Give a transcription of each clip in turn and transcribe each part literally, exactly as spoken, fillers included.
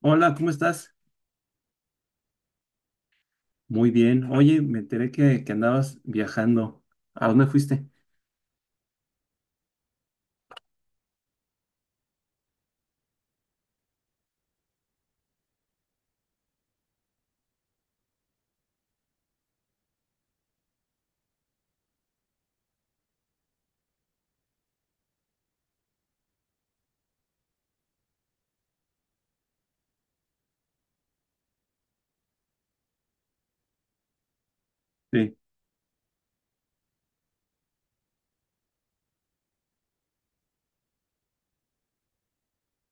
Hola, ¿cómo estás? Muy bien. Oye, me enteré que, que andabas viajando. ¿A dónde fuiste? Sí,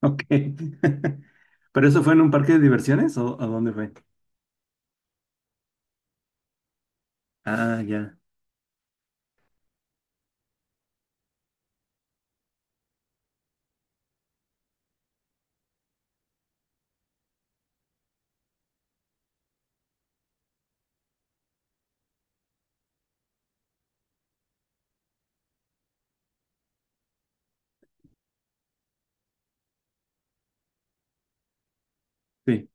ok. ¿Pero eso fue en un parque de diversiones o a dónde fue? Ah, ya, sí.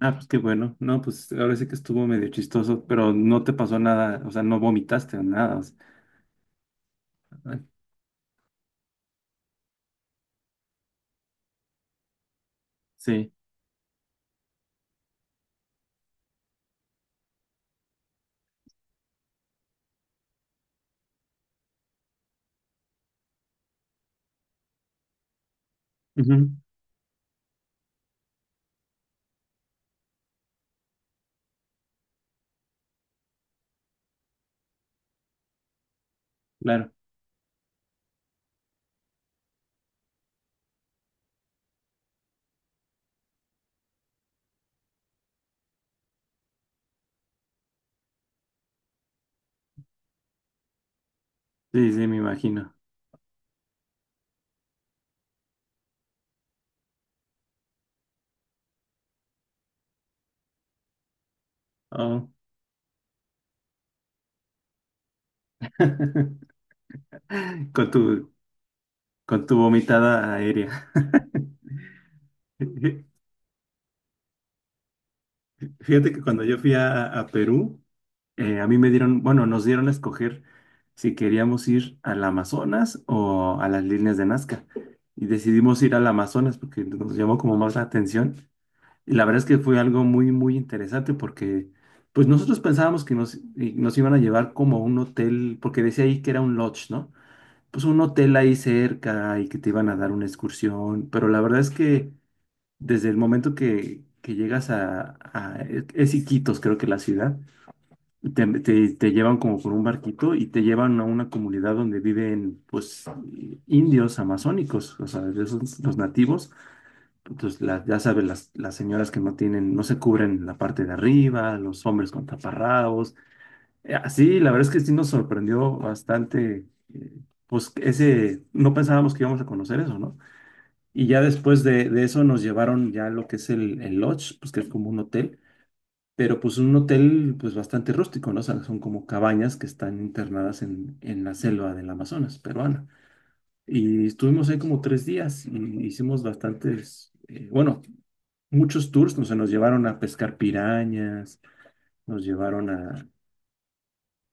Ah, pues qué bueno. No, pues ahora sí que estuvo medio chistoso, pero no te pasó nada, o sea, no vomitaste o nada. O sea, ah, sí, ujú, claro. Sí, sí, me imagino. Oh. Con tu, con tu vomitada aérea. Fíjate que cuando yo fui a, a Perú, eh, a mí me dieron, bueno, nos dieron a escoger si queríamos ir al Amazonas o a las líneas de Nazca. Y decidimos ir al Amazonas porque nos llamó como más la atención. Y la verdad es que fue algo muy, muy interesante porque pues nosotros pensábamos que nos, y nos iban a llevar como a un hotel, porque decía ahí que era un lodge, ¿no? Pues un hotel ahí cerca y que te iban a dar una excursión. Pero la verdad es que desde el momento que, que llegas a, a, es Iquitos, creo que la ciudad. Te, te- te llevan como por un barquito y te llevan a una comunidad donde viven pues eh, indios amazónicos, o sea, de esos, los nativos. Entonces, la- ya sabes, las, las señoras que no tienen, no se cubren la parte de arriba, los hombres con taparrabos. Eh, Así, la verdad es que sí nos sorprendió bastante, eh, pues ese, no pensábamos que íbamos a conocer eso, ¿no? Y ya después de, de eso nos llevaron ya a lo que es el, el lodge, pues que es como un hotel, pero pues un hotel pues bastante rústico, ¿no? O sea, son como cabañas que están internadas en, en la selva del Amazonas peruana. Y estuvimos ahí como tres días y hicimos bastantes, eh, bueno, muchos tours, no sé, nos llevaron a pescar pirañas, nos llevaron a...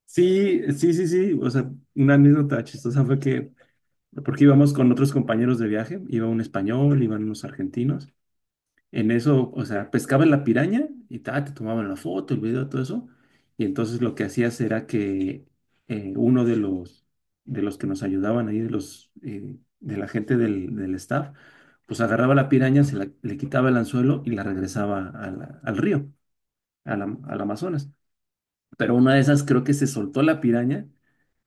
Sí, sí, sí, sí, o sea, una anécdota chistosa fue que, porque íbamos con otros compañeros de viaje, iba un español, iban unos argentinos. En eso, o sea, pescaban la piraña y ta, te tomaban la foto, el video, todo eso. Y entonces lo que hacías era que eh, uno de los, de los que nos ayudaban ahí, de los, eh, de la gente del, del staff, pues agarraba la piraña, se la- le quitaba el anzuelo y la regresaba a la- al río, a la- al Amazonas. Pero una de esas creo que se soltó la piraña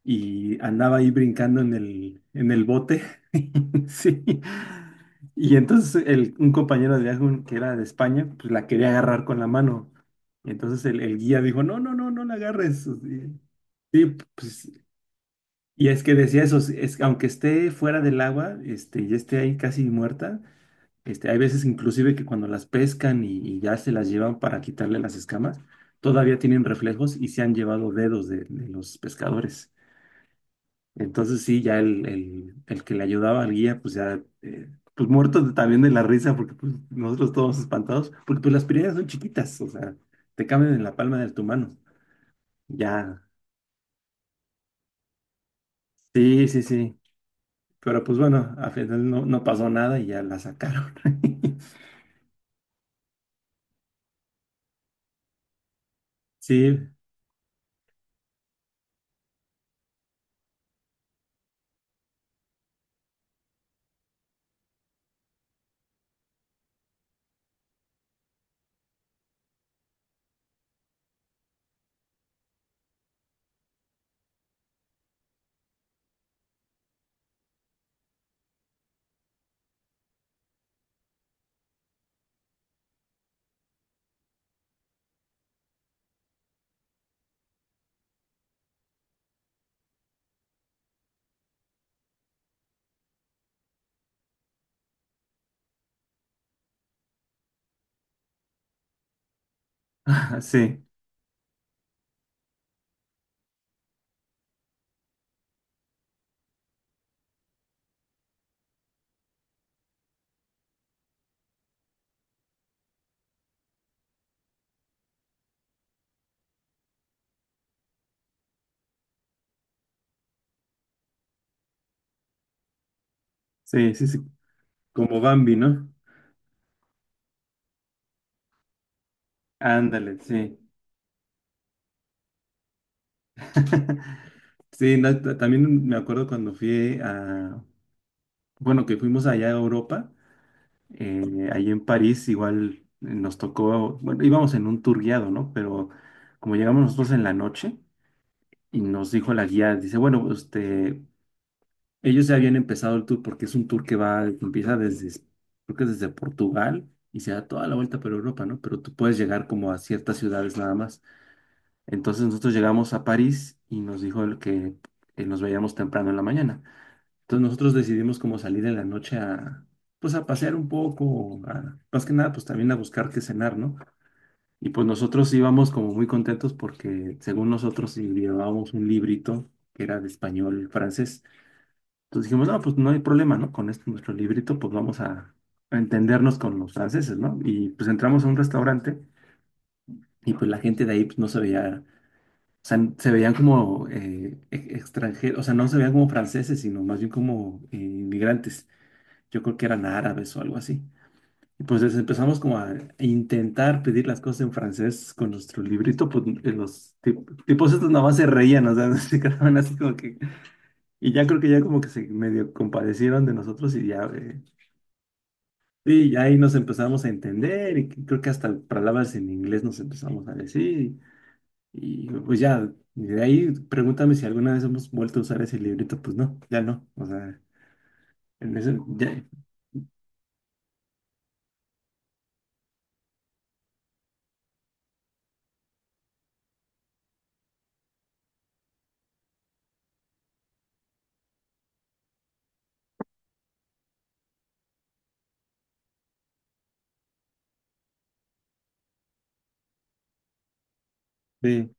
y andaba ahí brincando en el, en el bote. Sí. Y entonces el, un compañero de viaje un- que era de España, pues la quería agarrar con la mano. Y entonces el, el guía dijo, no, no, no, no la agarres. Y- Sí, pues, y es que decía eso, "Sí, es, aunque esté fuera del agua, este, y esté ahí casi muerta, este, hay veces inclusive que cuando las pescan y, y ya se las llevan para quitarle las escamas, todavía tienen reflejos y se han llevado dedos de de los pescadores. Entonces sí, ya el, el, el que le ayudaba al guía, pues ya, eh, pues muertos de- también de la risa, porque pues nosotros todos espantados, porque pues las piedras son chiquitas, o sea, te caben en la palma de tu mano. Ya, sí, sí, sí. Pero pues bueno, al final no, no pasó nada y ya la sacaron. Sí, ah, sí, sí, sí, sí. Como Bambi, ¿no? Ándale, sí. Sí, no, ta- también me acuerdo cuando fui a, bueno, que fuimos allá a Europa. Eh, ahí en París igual, eh, nos tocó, bueno, íbamos en un tour guiado, ¿no? Pero como llegamos nosotros en la noche y nos dijo la guía, dice, bueno, este, ellos ya habían empezado el tour porque es un tour que va, que empieza desde, creo que es desde Portugal y se da toda la vuelta por Europa, ¿no? Pero tú puedes llegar como a ciertas ciudades nada más. Entonces nosotros llegamos a París y nos dijo el que eh, nos veíamos temprano en la mañana. Entonces nosotros decidimos como salir en la noche a, pues a pasear un poco, a- más que nada, pues también a buscar qué cenar, ¿no? Y pues nosotros íbamos como muy contentos porque según nosotros sí llevábamos un librito que era de español y francés. Entonces dijimos, no, pues no hay problema, ¿no? Con este nuestro librito, pues vamos a, a entendernos con los franceses, ¿no? Y pues entramos a un restaurante y pues la gente de ahí pues, no se veía, o sea, se veían como eh, e- extranjeros, o sea, no se veían como franceses, sino más bien como eh, inmigrantes. Yo creo que eran árabes o algo así. Y pues les empezamos como a intentar pedir las cosas en francés con nuestro librito, pues eh, los tip- tipos estos nada más se reían, o sea, se quedaban así como que... Y ya creo que ya como que se medio compadecieron de nosotros y ya, eh, sí, ya ahí nos empezamos a entender y que- creo que hasta palabras en inglés nos empezamos a decir. Y pues ya, y de ahí pregúntame si alguna vez hemos vuelto a usar ese librito, pues no, ya no, o sea, en ese, ya, sí,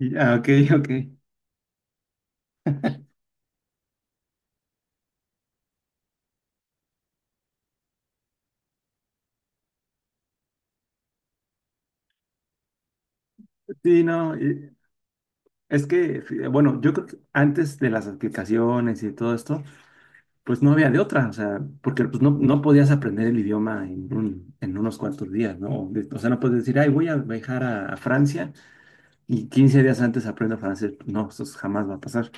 y- ah, ok, ok. Sí, no. Es que, fí- bueno, yo creo que antes de las aplicaciones y todo esto, pues no había de otra, o sea, porque pues no, no podías aprender el idioma en, un- en unos cuantos días, ¿no? De- O sea, no puedes decir, ay, voy a viajar a, a Francia y quince días antes aprendo francés. No, eso jamás va a pasar.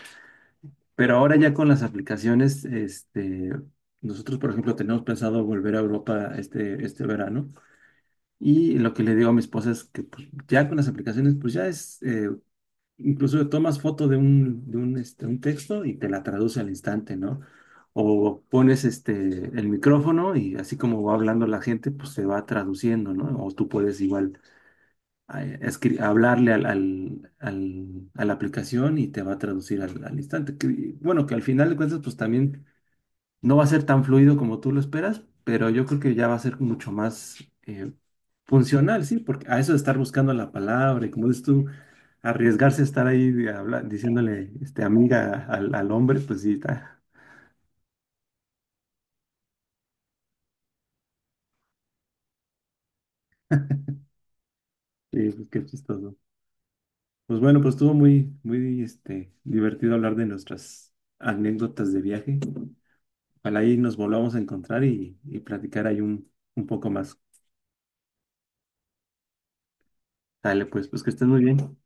Pero ahora ya con las aplicaciones, este, nosotros, por ejemplo, tenemos pensado volver a Europa este, este verano, y lo que le digo a mi esposa es que pues, ya con las aplicaciones, pues ya es, eh, incluso tomas foto de un, de un, este, un texto y te la traduce al instante, ¿no? O pones este, el micrófono y así como va hablando la gente, pues se va traduciendo, ¿no? O tú puedes igual eh, escri- hablarle al, al- al- a la aplicación y te va a traducir al, al instante. Que, bueno, que al final de cuentas, pues también no va a ser tan fluido como tú lo esperas, pero yo creo que ya va a ser mucho más eh, funcional, sí, porque a eso de estar buscando la palabra y como dices tú, arriesgarse a estar ahí de habla- diciéndole este, amiga al, al hombre, pues sí, está, sí, pues qué chistoso. Pues bueno, pues estuvo muy, muy este, divertido hablar de nuestras anécdotas de viaje. Ojalá ahí nos volvamos a encontrar y, y platicar ahí un, un poco más. Dale, pues, pues que estés muy bien.